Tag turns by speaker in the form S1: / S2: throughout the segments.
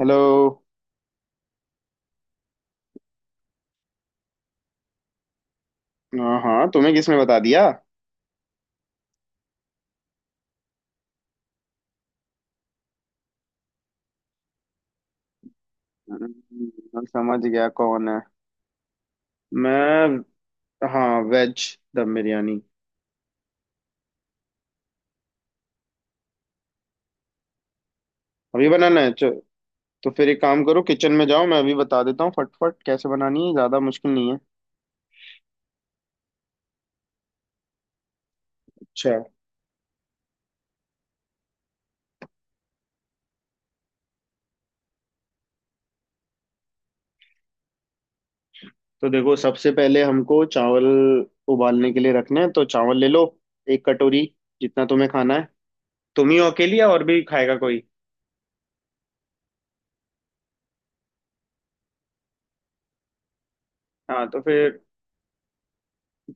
S1: Hello. हाँ हाँ, तुम्हें किसने बता दिया? हम्म, मैं समझ गया कौन है। मैं। हाँ, वेज दम बिरयानी। अभी बनाना है तो फिर एक काम करो, किचन में जाओ, मैं अभी बता देता हूँ फटफट कैसे बनानी है, ज़्यादा मुश्किल नहीं है। अच्छा। तो देखो, सबसे पहले हमको चावल उबालने के लिए रखने हैं, तो चावल ले लो एक कटोरी। जितना तुम्हें खाना है। तुम ही हो अकेली या और भी खाएगा कोई? हाँ। तो फिर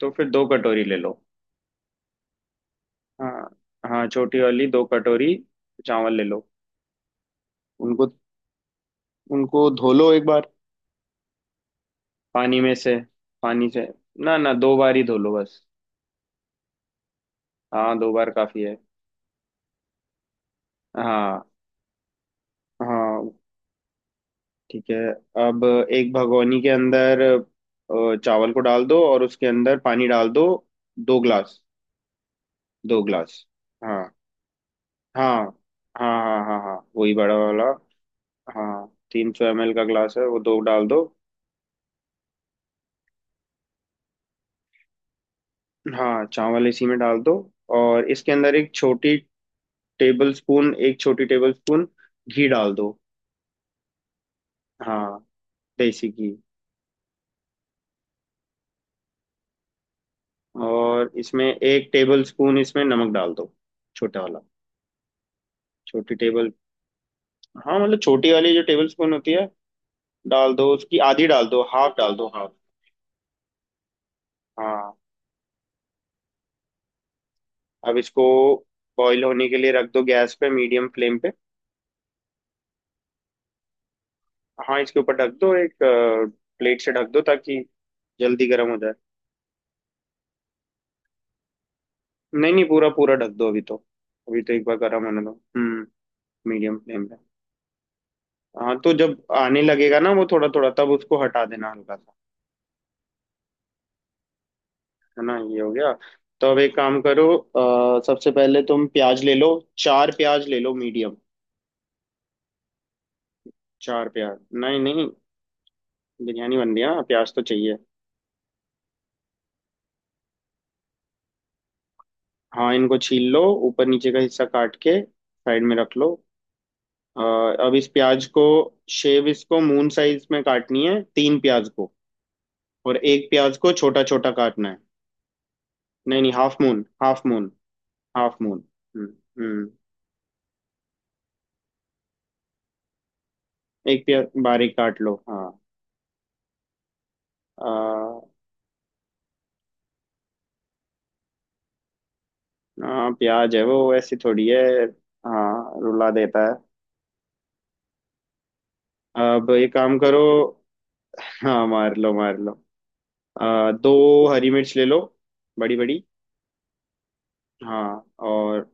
S1: तो फिर 2 कटोरी ले लो। हाँ। हाँ, छोटी वाली दो कटोरी। चावल ले लो। उनको उनको धो लो एक बार। पानी में से पानी से। ना ना, 2 बार ही धो लो बस। हाँ, दो बार काफी है। हाँ हाँ, ठीक है। अब एक भगोनी के अंदर चावल को डाल दो और उसके अंदर पानी डाल दो, 2 ग्लास। दो ग्लास। हाँ हाँ हाँ हाँ हाँ हाँ, वही बड़ा वाला। हाँ, 300 ml का ग्लास है वो, दो डाल दो। हाँ, चावल इसी में डाल दो। और इसके अंदर एक छोटी टेबल स्पून, एक छोटी टेबल स्पून घी डाल दो। हाँ, देसी घी। और इसमें एक टेबल स्पून, इसमें नमक डाल दो, छोटा वाला। छोटी टेबल, हाँ मतलब छोटी वाली जो टेबल स्पून होती है, डाल दो उसकी आधी, डाल दो हाफ, डाल दो हाफ। हाँ। अब इसको बॉईल होने के लिए रख दो गैस पे, मीडियम फ्लेम पे। हाँ, इसके ऊपर ढक दो एक प्लेट से, ढक दो ताकि जल्दी गर्म हो जाए। नहीं नहीं, पूरा पूरा ढक दो अभी तो। अभी तो एक बार गर्म होने दो। हम्म। मीडियम फ्लेम पे। हाँ, तो जब आने लगेगा ना वो थोड़ा थोड़ा, तब उसको हटा देना हल्का। है ना, ये हो गया। तो अब एक काम करो, सबसे पहले तुम प्याज ले लो, चार प्याज ले लो, मीडियम। चार प्याज। नहीं नहीं, बिरयानी बन रही है ना, प्याज तो चाहिए। हाँ, इनको छील लो, ऊपर नीचे का हिस्सा काट के साइड में रख लो। अ, अब इस प्याज को शेव, इसको मून साइज में काटनी है तीन प्याज को, और एक प्याज को छोटा छोटा काटना है। नहीं नहीं, half moon half moon. Half moon. हम्म। हम्म। एक प्याज बारीक काट लो। हाँ। हाँ, प्याज है वो, ऐसी थोड़ी है। हाँ, रुला देता है। अब ये काम करो। हाँ, मार लो मार लो। दो हरी मिर्च ले लो, बड़ी बड़ी। हाँ। और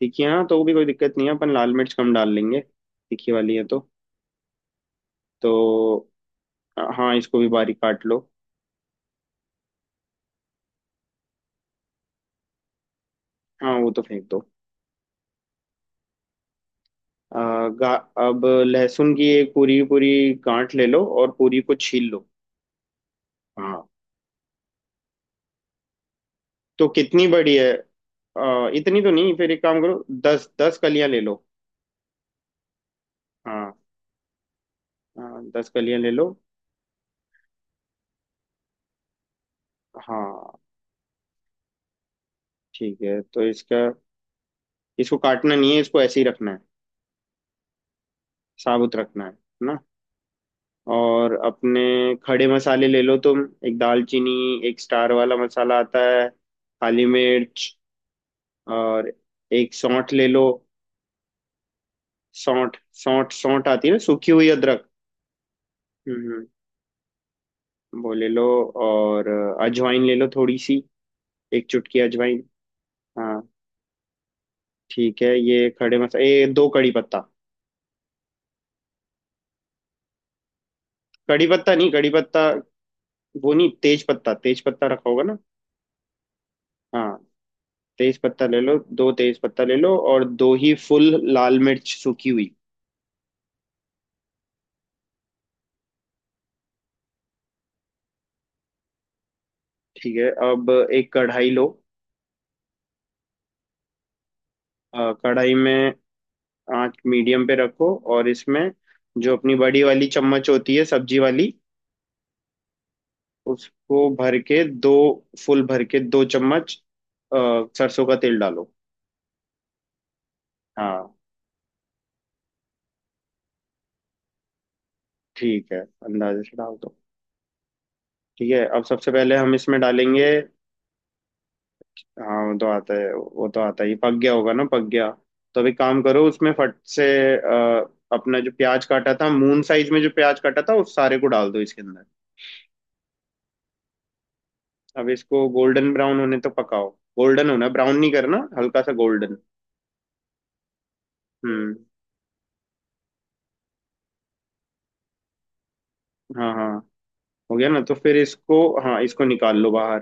S1: तीखी है ना तो भी, कोई दिक्कत नहीं है, अपन लाल मिर्च कम डाल लेंगे। तीखी वाली है तो। तो हाँ, इसको भी बारीक काट लो। हाँ, वो तो फेंक दो। आ, गा, अब लहसुन की एक पूरी पूरी गांठ ले लो और पूरी को छील लो। हाँ। तो कितनी बड़ी है? इतनी तो नहीं, फिर एक काम करो, दस दस कलियां ले लो। हाँ। हाँ, दस कलियां ले लो। हाँ, ठीक है। तो इसका, इसको काटना नहीं है, इसको ऐसे ही रखना है। साबुत रखना है ना। और अपने खड़े मसाले ले लो तुम। एक दालचीनी, एक स्टार वाला मसाला आता है, काली मिर्च। और एक सौंठ ले लो। सौंठ। सौंठ, सौंठ आती है ना, सूखी हुई अदरक। हम्म, वो ले लो। और अजवाइन ले लो थोड़ी सी, एक चुटकी अजवाइन। हाँ। ठीक है, ये खड़े मसाले। ये दो कड़ी पत्ता, कड़ी पत्ता नहीं, कड़ी पत्ता वो नहीं, तेज पत्ता, तेज पत्ता रखा होगा ना? हाँ, तेज पत्ता ले लो, दो तेज पत्ता ले लो। और दो ही फुल लाल मिर्च सूखी हुई। ठीक है, अब एक कढ़ाई लो। कढ़ाई में आंच मीडियम पे रखो और इसमें जो अपनी बड़ी वाली चम्मच होती है सब्जी वाली, उसको भर के दो, फुल भर के दो चम्मच अ, सरसों का तेल डालो। हाँ। ठीक है, अंदाजे से डाल दो। ठीक है। अब सबसे पहले हम इसमें डालेंगे। हाँ, वो तो आता है, वो तो आता ही, पक गया होगा ना, पक गया। तो अभी काम करो उसमें फट से, अपना जो प्याज काटा था मून साइज में, जो प्याज काटा था उस सारे को डाल दो इसके अंदर। अब इसको गोल्डन ब्राउन होने तक पकाओ। गोल्डन होना, ब्राउन नहीं करना, हल्का सा गोल्डन। हम्म। हाँ हाँ, हो गया ना तो फिर इसको, हाँ, इसको निकाल लो बाहर।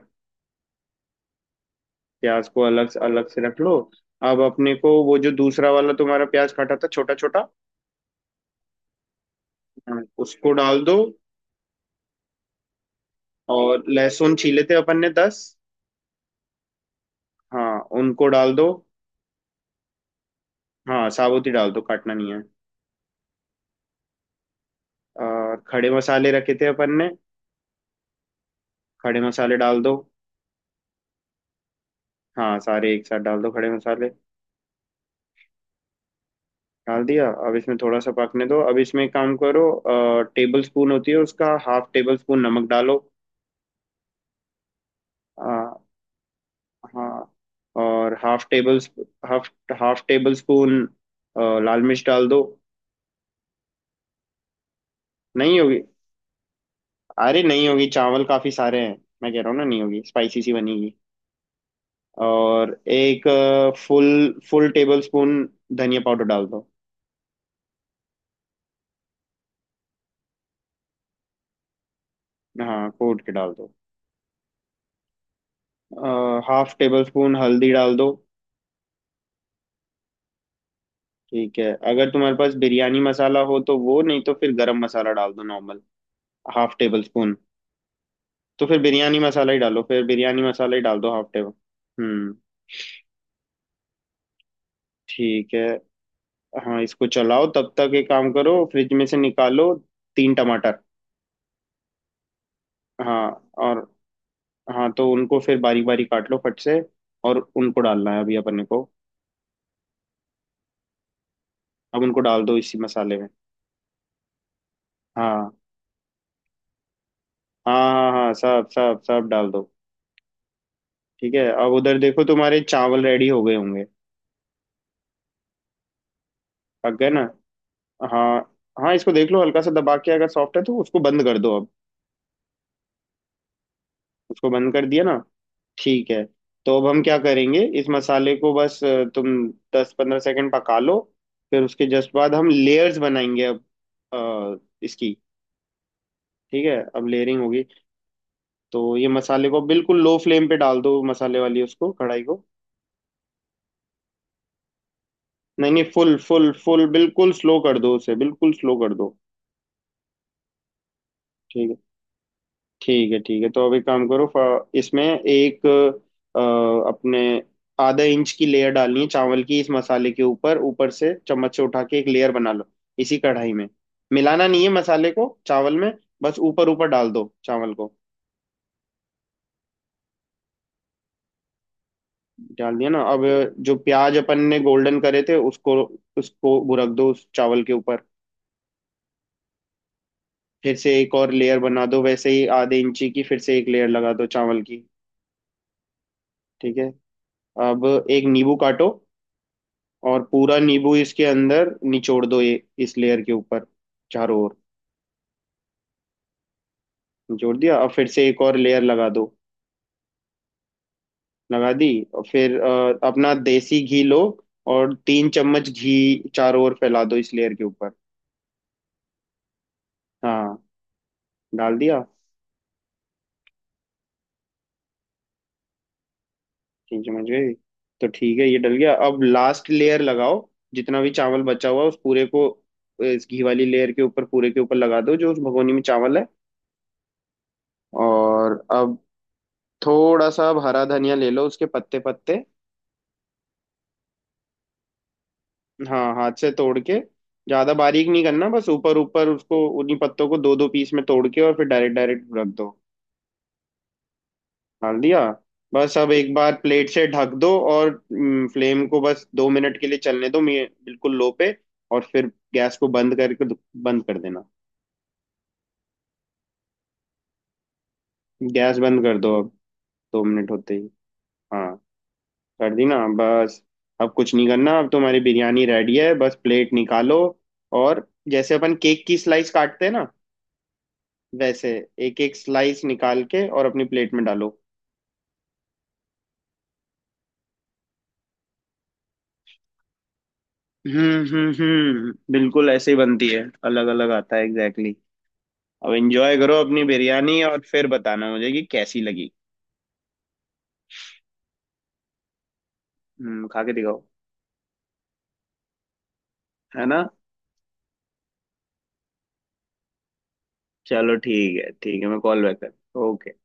S1: प्याज को अलग से, अलग से रख लो। अब अपने को वो जो दूसरा वाला तुम्हारा प्याज काटा था छोटा छोटा, हाँ, उसको डाल दो। और लहसुन छीले थे अपन ने दस, हाँ, उनको डाल दो। हाँ, साबुत ही डाल दो, काटना नहीं है। और खड़े मसाले रखे थे अपन ने, खड़े मसाले डाल दो। हाँ, सारे एक साथ डाल दो खड़े मसाले। डाल दिया। अब इसमें थोड़ा सा पकने दो। अब इसमें एक काम करो, टेबल स्पून होती है उसका हाफ टेबल स्पून नमक डालो। आ, हाँ। और half table, half half tablespoon लाल मिर्च डाल दो। नहीं होगी, अरे नहीं होगी, चावल काफी सारे हैं। मैं कह रहा हूँ ना, नहीं होगी, स्पाइसी सी बनेगी। और एक फुल, फुल टेबल स्पून धनिया पाउडर डाल दो। हाँ, कूट के डाल दो। हाफ टेबल स्पून हल्दी डाल दो। ठीक है, अगर तुम्हारे पास बिरयानी मसाला हो तो वो, नहीं तो फिर गरम मसाला डाल दो नॉर्मल, हाफ टेबल स्पून। तो फिर बिरयानी मसाला ही डालो, फिर बिरयानी मसाला ही डाल दो, हाफ टेबल। हम्म। ठीक है। हाँ, इसको चलाओ, तब तक एक काम करो, फ्रिज में से निकालो तीन टमाटर। हाँ। और, हाँ, तो उनको फिर बारीक बारीक काट लो फट से। और उनको डालना है अभी अपन को। अब उनको डाल दो इसी मसाले में। हाँ हाँ हाँ हाँ हाँ, सब सब सब डाल दो। ठीक है। अब उधर देखो, तुम्हारे चावल रेडी हो गए होंगे। पक गए ना? हाँ हाँ, इसको देख लो, हल्का सा दबा के अगर सॉफ्ट है तो उसको बंद कर दो अब। उसको बंद कर दिया ना? ठीक है। तो अब हम क्या करेंगे, इस मसाले को बस, तुम 10-15 सेकंड पका लो, फिर उसके जस्ट बाद हम लेयर्स बनाएंगे। अब अ, इसकी ठीक है, अब लेयरिंग होगी। तो ये मसाले को बिल्कुल लो फ्लेम पे डाल दो, मसाले वाली उसको, कढ़ाई को। नहीं नहीं, फुल फुल फुल बिल्कुल स्लो कर दो उसे, बिल्कुल स्लो कर दो। ठीक है ठीक है ठीक है। तो अभी काम करो, इसमें एक, अ, अपने आधा इंच की लेयर डालनी है चावल की, इस मसाले के ऊपर, ऊपर से चम्मच से उठा के एक लेयर बना लो। इसी कढ़ाई में। मिलाना नहीं है मसाले को चावल में, बस ऊपर ऊपर डाल दो चावल को। डाल दिया ना? अब जो प्याज अपन ने गोल्डन करे थे उसको, उसको बुरक दो उस चावल के ऊपर। फिर से एक और लेयर बना दो वैसे ही, आधे इंची की, फिर से एक लेयर लगा दो चावल की। ठीक है, अब एक नींबू काटो और पूरा नींबू इसके अंदर निचोड़ दो, ये इस लेयर के ऊपर चारों ओर। निचोड़ दिया, अब फिर से एक और लेयर लगा दो। लगा दी। और फिर अपना देसी घी लो। और 3 चम्मच घी चारों ओर फैला दो इस लेयर के ऊपर। हाँ, डाल दिया। तीन चम्मच घी, तो ठीक है, ये डल गया। अब लास्ट लेयर लगाओ, जितना भी चावल बचा हुआ है, उस पूरे को इस घी वाली लेयर के ऊपर, पूरे के ऊपर लगा दो जो उस भगोनी में चावल है। और अब थोड़ा सा आप हरा धनिया ले लो, उसके पत्ते पत्ते। हाँ, हाथ से तोड़ के, ज्यादा बारीक नहीं करना, बस ऊपर ऊपर उसको, उन्हीं पत्तों को दो दो पीस में तोड़ के, और फिर डायरेक्ट डायरेक्ट रख दो। डाल दिया। बस अब एक बार प्लेट से ढक दो और फ्लेम को बस 2 मिनट के लिए चलने दो, बिल्कुल लो पे। और फिर गैस को बंद करके, बंद कर देना। गैस बंद कर दो अब, दो मिनट होते ही। हाँ, कर दी ना, बस। अब कुछ नहीं करना, अब तुम्हारी बिरयानी रेडी है, बस प्लेट निकालो। और जैसे अपन केक की स्लाइस काटते हैं ना वैसे, एक एक स्लाइस निकाल के और अपनी प्लेट में डालो। हम्म। बिल्कुल ऐसे ही बनती है, अलग अलग आता है, एग्जैक्टली exactly। अब एंजॉय करो अपनी बिरयानी और फिर बताना मुझे कि कैसी लगी। हम्म, खा के दिखाओ। है ना? चलो ठीक है ठीक है, मैं कॉल बैक कर। ओके।